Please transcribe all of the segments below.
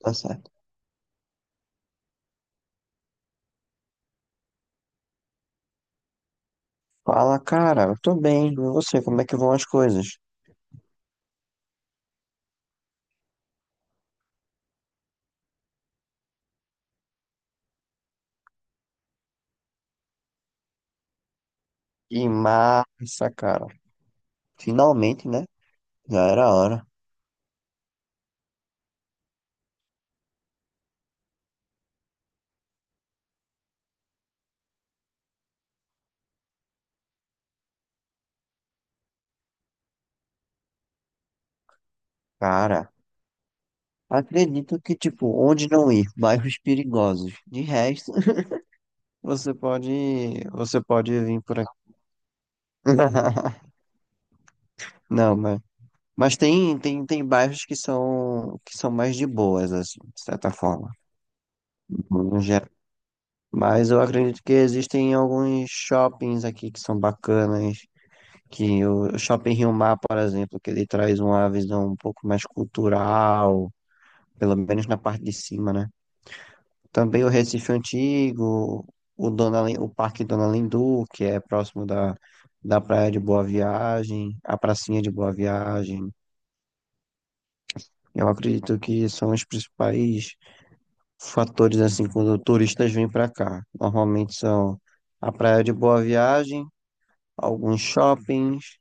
Tá certo. Fala, cara, eu tô bem. E você, como é que vão as coisas? Que massa, cara. Finalmente, né? Já era hora. Cara, acredito que, tipo, onde não ir? Bairros perigosos. De resto, você pode, você pode vir por aqui. Não, mas tem bairros que são mais de boas, assim, de certa forma, no geral. Mas eu acredito que existem alguns shoppings aqui que são bacanas, que o Shopping Rio Mar, por exemplo, que ele traz uma visão um pouco mais cultural, pelo menos na parte de cima, né? Também o Recife Antigo, o Parque Dona Lindu, que é próximo da Praia de Boa Viagem, a Pracinha de Boa Viagem. Eu acredito que são os principais fatores assim quando turistas vêm para cá. Normalmente são a Praia de Boa Viagem, alguns shoppings,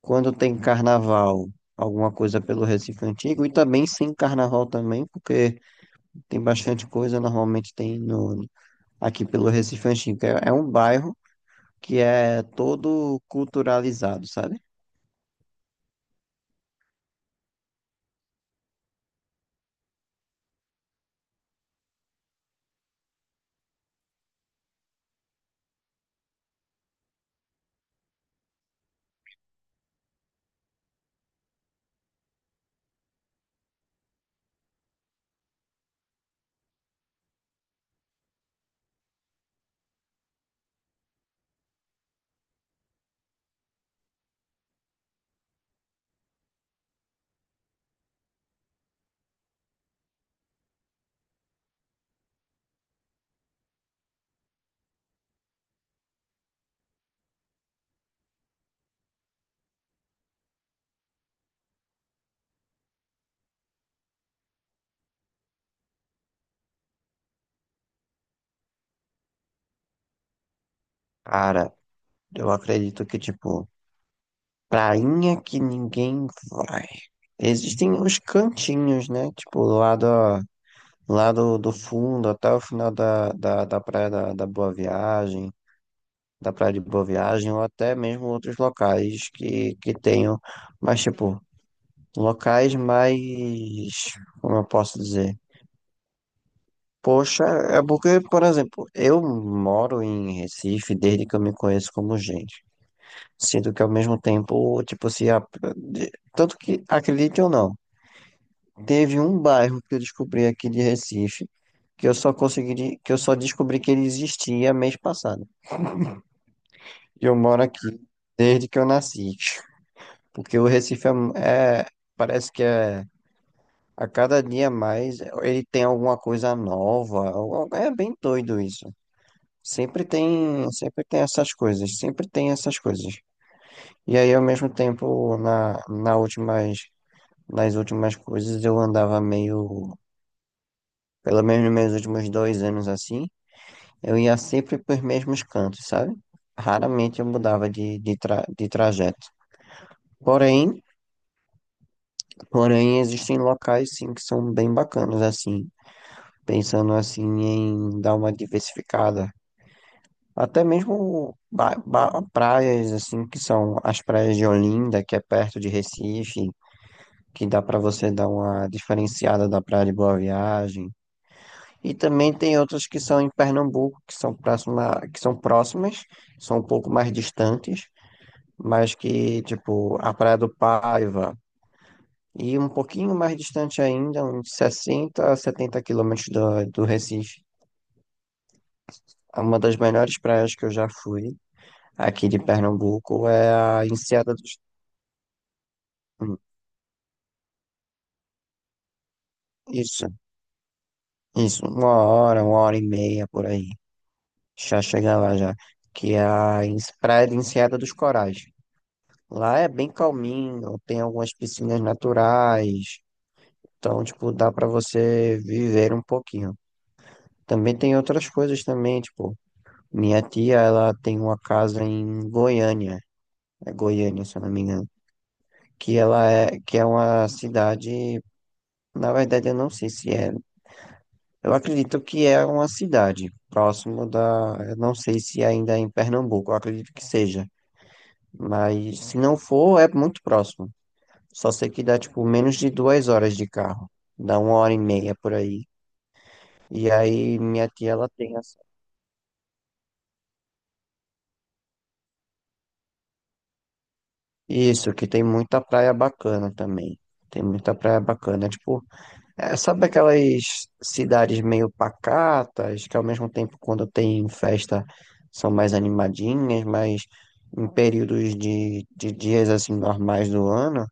quando tem carnaval, alguma coisa pelo Recife Antigo, e também sem carnaval também, porque tem bastante coisa, normalmente tem no, aqui pelo Recife Antigo. É, é um bairro que é todo culturalizado, sabe? Cara, eu acredito que tipo prainha que ninguém vai. Existem os cantinhos, né? Tipo, do lado lá do fundo até o final da Praia de Boa Viagem, ou até mesmo outros locais que tenham, mas tipo, locais mais, como eu posso dizer? Poxa, é porque, por exemplo, eu moro em Recife desde que eu me conheço como gente. Sinto que ao mesmo tempo, tipo, se. A- de- tanto que, acredite ou não, teve um bairro que eu descobri aqui de Recife, que eu só consegui, que eu só descobri que ele existia mês passado. E eu moro aqui desde que eu nasci. Porque o Recife é, parece que é a cada dia mais, ele tem alguma coisa nova. É bem doido isso. Sempre tem essas coisas, sempre tem essas coisas. E aí, ao mesmo tempo, nas últimas coisas, eu andava meio, pelo menos nos meus últimos dois anos assim. Eu ia sempre para os mesmos cantos, sabe? Raramente eu mudava de trajeto. Porém, porém, existem locais sim que são bem bacanas, assim, pensando assim em dar uma diversificada. Até mesmo praias, assim, que são as praias de Olinda, que é perto de Recife, que dá para você dar uma diferenciada da Praia de Boa Viagem. E também tem outras que são em Pernambuco, que são próximas, são um pouco mais distantes, mas que, tipo, a Praia do Paiva, e um pouquinho mais distante ainda, uns 60 a 70 quilômetros do Recife, é uma das melhores praias que eu já fui aqui de Pernambuco, é a Enseada dos... hum, Isso, isso, uma hora e meia por aí, já chega lá já, que é a Praia de Enseada dos Corais. Lá é bem calminho, tem algumas piscinas naturais, então, tipo, dá pra você viver um pouquinho. Também tem outras coisas também, tipo, minha tia, ela tem uma casa em Goiânia, é Goiânia, se eu não me engano, que ela é, que é uma cidade, na verdade eu não sei se é, eu acredito que é uma cidade próximo da, eu não sei se ainda é em Pernambuco, eu acredito que seja, mas se não for, é muito próximo. Só sei que dá, tipo, menos de 2 horas de carro, dá uma hora e meia por aí. E aí minha tia, ela tem isso, que tem muita praia bacana também. Tem muita praia bacana. Tipo, é, sabe aquelas cidades meio pacatas, que ao mesmo tempo, quando tem festa, são mais animadinhas, mas em períodos de dias assim normais do ano,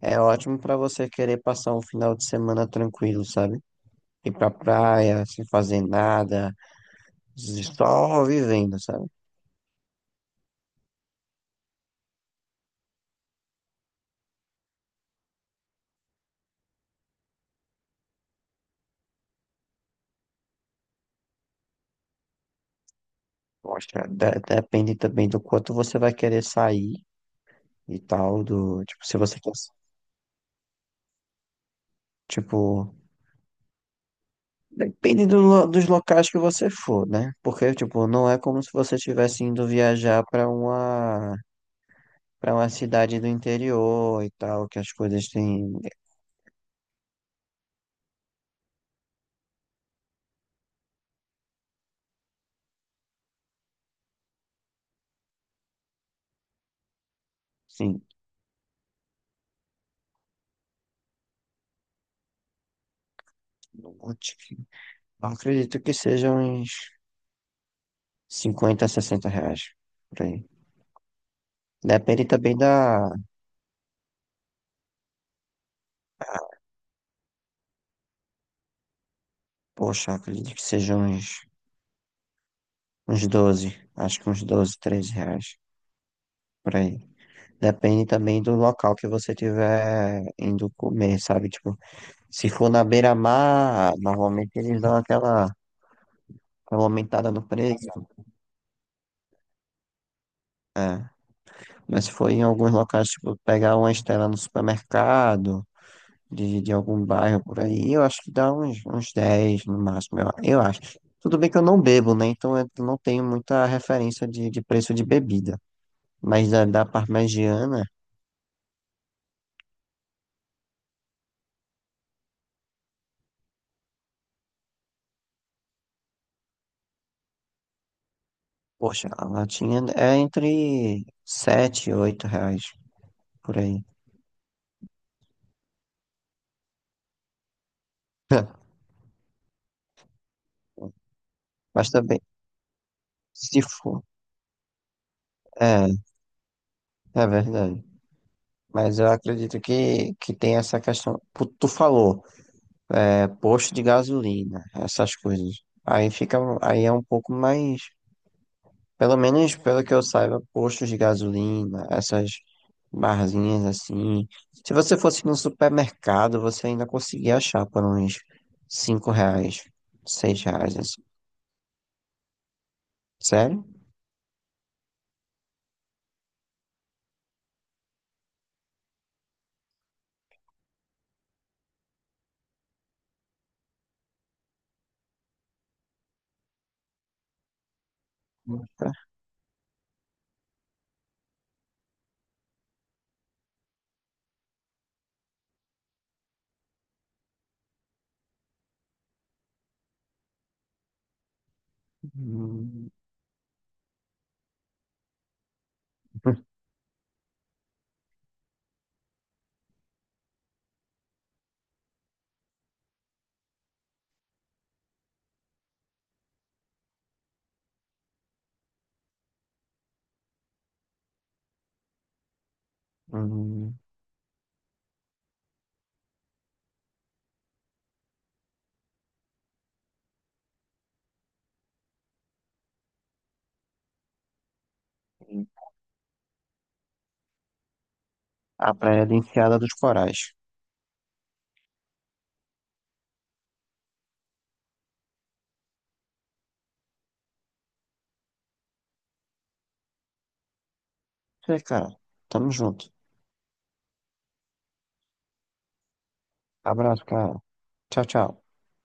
é ótimo pra você querer passar um final de semana tranquilo, sabe? Ir pra praia, sem fazer nada, só vivendo, sabe? Eu acho que depende também do quanto você vai querer sair e tal, do, tipo, se você, tipo, depende dos locais que você for, né? Porque, tipo, não é como se você estivesse indo viajar para uma cidade do interior e tal, que as coisas têm, assim, eu te- eu acredito que sejam uns 50, 60 reais, por aí. Depende também da, poxa, eu acredito que sejam uns 12, acho que uns doze, 13 reais, por aí. Depende também do local que você tiver indo comer, sabe? Tipo, se for na beira-mar, normalmente eles dão aquela, aquela aumentada no preço. É. Mas se for em alguns locais, tipo, pegar uma estela no supermercado, de algum bairro por aí, eu acho que dá uns 10 no máximo, eu acho. Tudo bem que eu não bebo, né? Então eu não tenho muita referência de preço de bebida. Mas da, da parmegiana, poxa, a latinha é entre 7, e 8 reais por aí. Mas também, se for. É, é verdade. Mas eu acredito que tem essa questão. Tu falou, é posto de gasolina, essas coisas. Aí fica, aí é um pouco mais, pelo menos pelo que eu saiba, postos de gasolina, essas barzinhas assim. Se você fosse num supermercado, você ainda conseguia achar por uns 5 reais, 6 reais, assim. Sério? Hum. Hum. À Praia de Enseada dos Corais. É, cara. Tamo junto. Abraço, cara. Tchau, tchau.